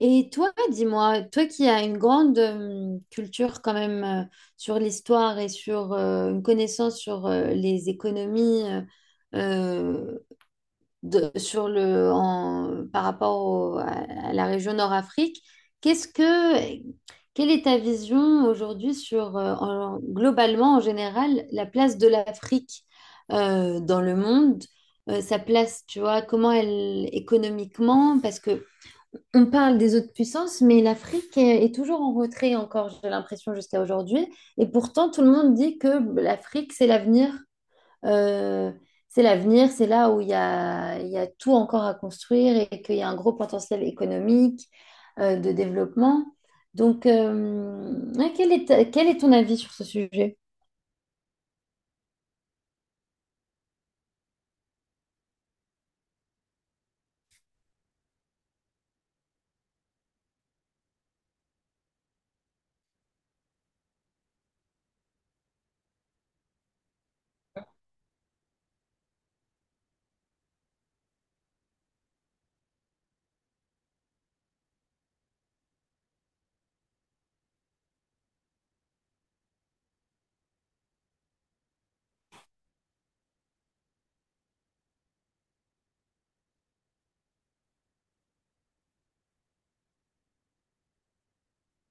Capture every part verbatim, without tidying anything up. Et toi, dis-moi, toi qui as une grande euh, culture quand même euh, sur l'histoire et sur euh, une connaissance sur euh, les économies euh, euh, de- sur le, en- par rapport au- à, à la région Nord-Afrique, qu'est-ce que, quelle est ta vision aujourd'hui sur euh, en- globalement en général la place de l'Afrique euh, dans le monde? Euh, sa place, tu vois, comment elle économiquement, parce que on parle des autres puissances, mais l'Afrique est, est toujours en retrait encore, j'ai l'impression, jusqu'à aujourd'hui. Et pourtant, tout le monde dit que l'Afrique, c'est l'avenir. Euh, c'est l'avenir, c'est là où il y a, il y a tout encore à construire et qu'il y a un gros potentiel économique, euh, de développement. Donc, euh, ouais, quel est, ta- quel est ton avis sur ce sujet?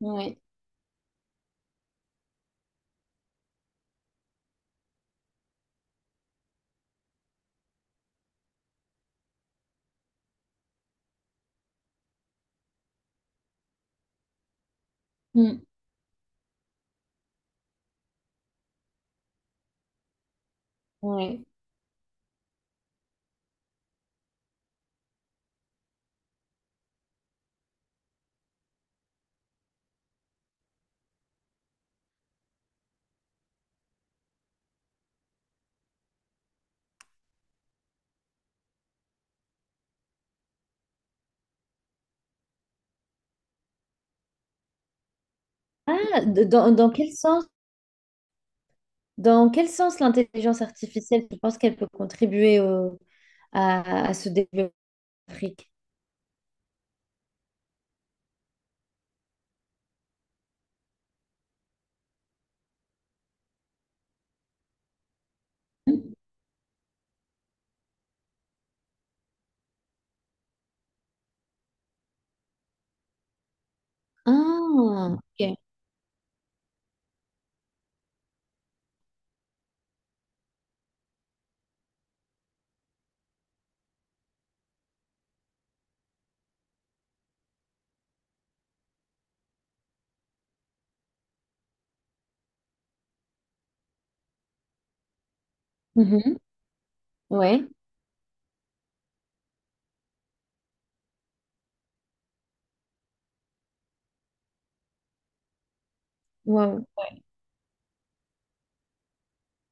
Oui. Mm. Oui. Ah, de- dans, dans quel sens, dans quel sens l'intelligence artificielle, tu penses qu'elle peut contribuer au- à, à ce développement? Afrique. Ah, ok. Mhm. Ouais, waouh.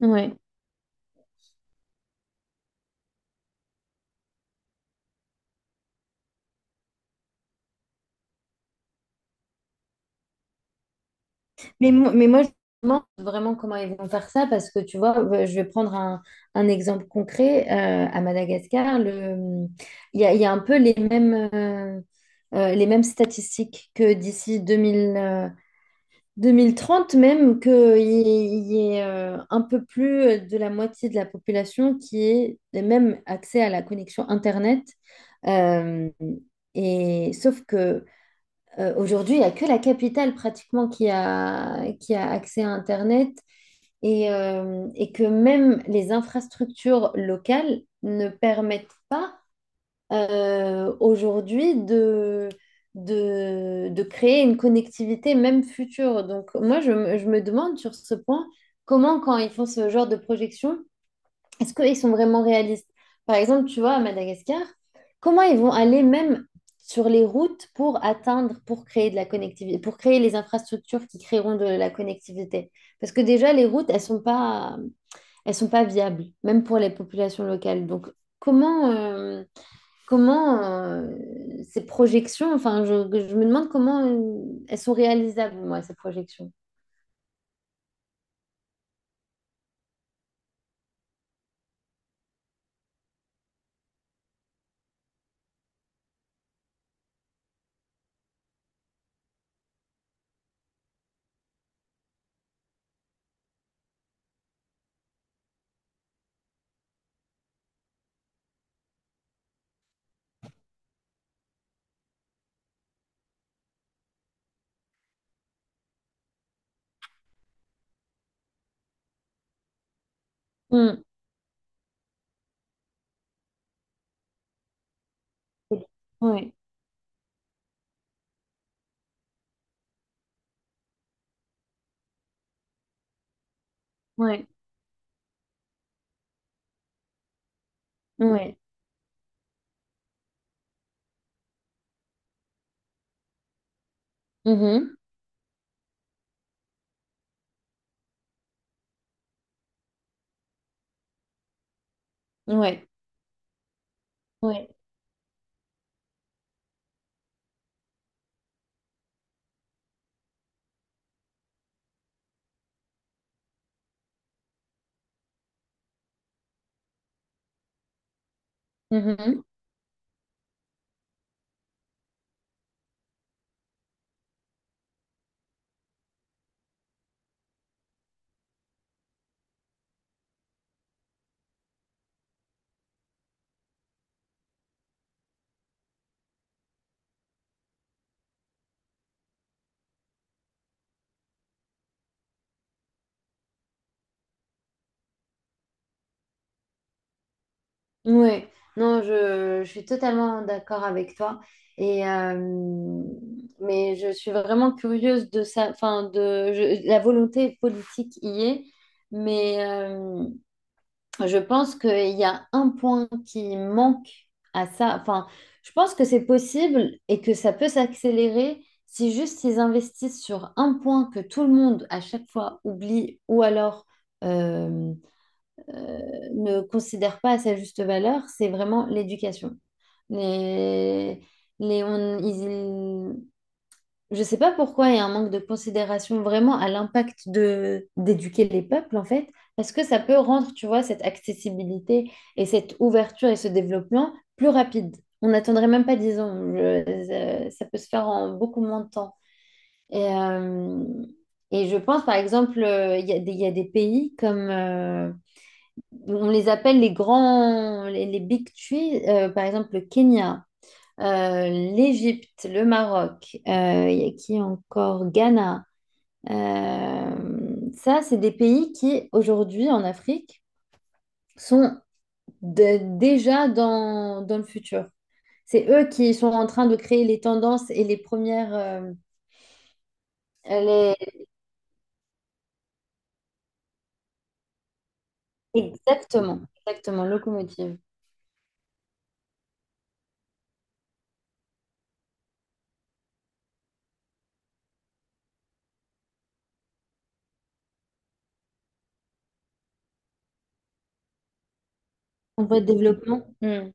Ouais. Mais, mo- mais moi, je me demande vraiment comment ils vont faire ça parce que tu vois, euh, je vais prendre un, un exemple concret. Euh, à Madagascar, le, il y a, il y a un peu les mêmes, euh, euh, les mêmes statistiques que d'ici deux mille. deux mille trente même, qu'il y ait euh, un peu plus de la moitié de la population qui ait même accès à la connexion Internet. Euh, et, sauf que euh, aujourd'hui, il n'y a que la capitale pratiquement qui a, qui a accès à Internet et, euh, et que même les infrastructures locales ne permettent pas euh, aujourd'hui de, de, de créer une connectivité même future. Donc moi, je, me je me demande sur ce point, comment quand ils font ce genre de projection, est-ce qu'ils sont vraiment réalistes? Par exemple, tu vois, à Madagascar, comment ils vont aller même sur les routes pour atteindre, pour créer de la connectivité, pour créer les infrastructures qui créeront de la connectivité? Parce que déjà, les routes, elles sont pas, elles sont pas viables, même pour les populations locales. Donc, comment... euh, comment euh, ces projections, enfin, je, je me demande comment euh, elles sont réalisables, moi, ces projections. Mm. Ouais, ouais, ouais, Mhm. Ouais, ouais, Mhm. Ouais. Non, je, je suis totalement d'accord avec toi. Et euh, mais je suis vraiment curieuse de ça. Enfin, de je- la volonté politique y est, mais euh, je pense qu'il y a un point qui manque à ça. Enfin, je pense que c'est possible et que ça peut s'accélérer si juste ils investissent sur un point que tout le monde à chaque fois oublie ou alors euh, euh, ne considère pas à sa juste valeur, c'est vraiment l'éducation. Les, les, on- ils- je sais pas pourquoi il y a un manque de considération vraiment à l'impact de d'éduquer les peuples en fait, parce que ça peut rendre, tu vois, cette accessibilité et cette ouverture et ce développement plus rapide. On n'attendrait même pas dix ans, je- ça ça peut se faire en beaucoup moins de temps. Et, euh, et je pense par exemple, euh, il y a des, il y a des pays comme, euh, on les appelle les grands, les, les big three, euh, par exemple le Kenya euh, l'Égypte, le Maroc, euh, il y a qui encore? Ghana. Euh, ça, c'est des pays qui, aujourd'hui, en Afrique, sont de- déjà dans, dans le futur. C'est eux qui sont en train de créer les tendances et les premières... euh, les- exactement, exactement, locomotive. En voie de développement. Hmm.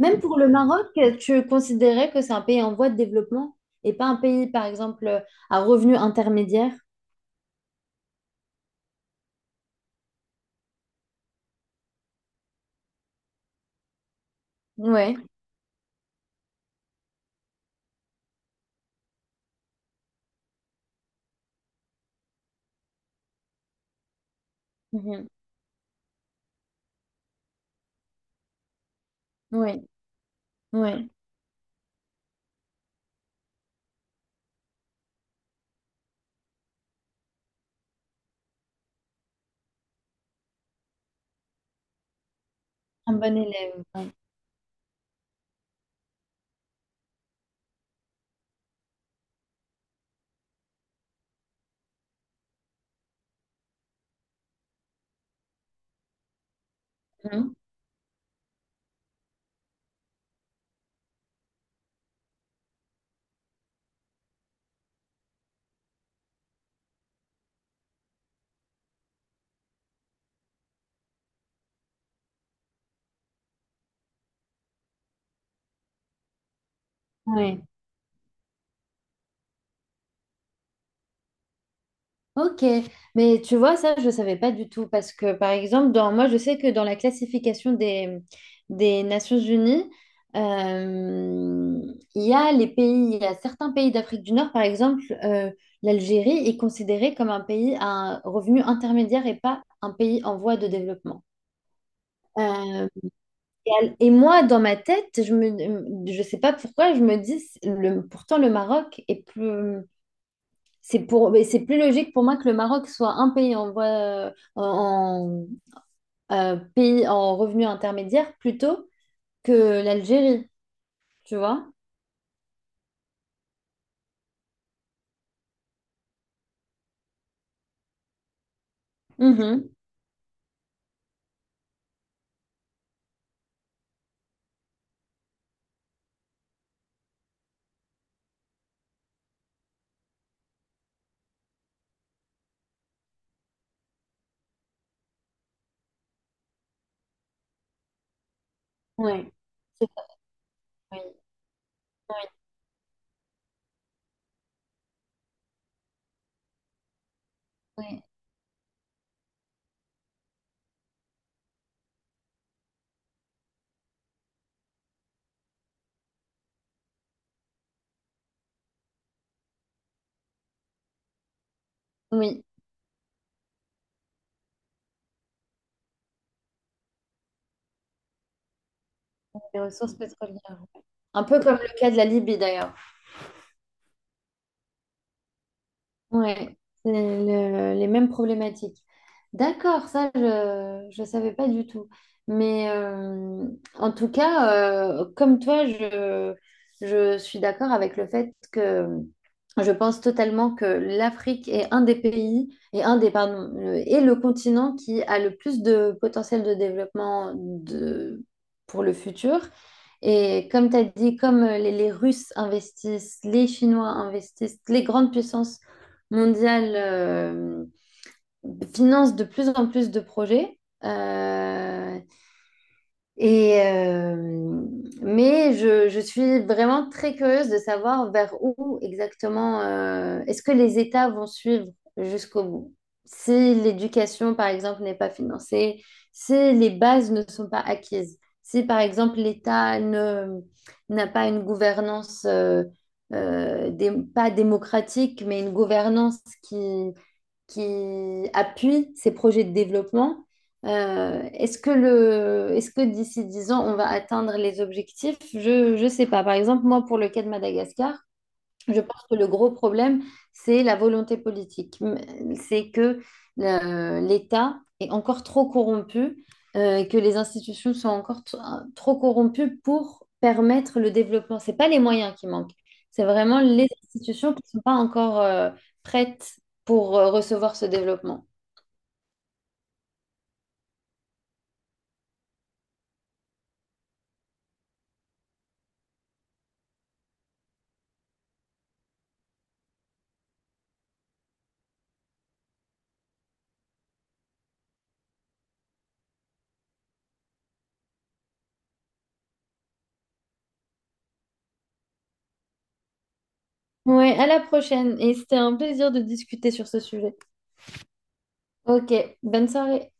Même pour le Maroc, tu considérais que c'est un pays en voie de développement et pas un pays, par exemple, à revenu intermédiaire? Ouais. Oui, oui. Un bon élève. Ouais. Mhm. Ouais. Ok, mais tu vois, ça, je ne savais pas du tout parce que, par exemple, dans, moi, je sais que dans la classification des, des Nations Unies, euh, il y a les pays, il y a certains pays d'Afrique du Nord, par exemple, euh, l'Algérie est considérée comme un pays à un revenu intermédiaire et pas un pays en voie de développement. Euh, et, al- et moi, dans ma tête, je me, je sais pas pourquoi, je me dis, le, pourtant, le Maroc est plus c'est pour, mais c'est plus logique pour moi que le Maroc soit un pays en voie, euh, en, euh, pays en revenu intermédiaire plutôt que l'Algérie, tu vois? Mhm. Oui. C'est- Oui, oui, oui, oui, les ressources pétrolières. Ouais. Un peu comme le cas de la Libye d'ailleurs. Ouais, c'est le- les mêmes problématiques. D'accord, ça je je savais pas du tout. Mais euh, en tout cas, euh, comme toi, je je suis d'accord avec le fait que je pense totalement que l'Afrique est un des pays et un des pardon, le- et le continent qui a le plus de potentiel de développement de pour le futur. Et comme tu as dit, comme les les Russes investissent, les Chinois investissent, les grandes puissances mondiale euh, finance de plus en plus de projets. euh, et, euh, mais je, je suis vraiment très curieuse de savoir vers où exactement euh, est-ce que les États vont suivre jusqu'au bout. Si l'éducation, par exemple, n'est pas financée, si les bases ne sont pas acquises, si, par exemple, l'État ne, n'a pas une gouvernance euh, euh, dé- pas démocratique, mais une gouvernance qui, qui appuie ces projets de développement. Euh, est-ce que le, est-ce que d'ici dix ans, on va atteindre les objectifs? Je ne sais pas. Par exemple, moi, pour le cas de Madagascar, je pense que le gros problème, c'est la volonté politique. M- c'est que euh, l'État est encore trop corrompu, euh, et que les institutions sont encore t- un- trop corrompues pour permettre le développement. C'est pas les moyens qui manquent, c'est vraiment les institutions qui ne sont pas encore euh, prêtes pour euh, recevoir ce développement. Ouais, à la prochaine. Et c'était un plaisir de discuter sur ce sujet. Ok, bonne soirée.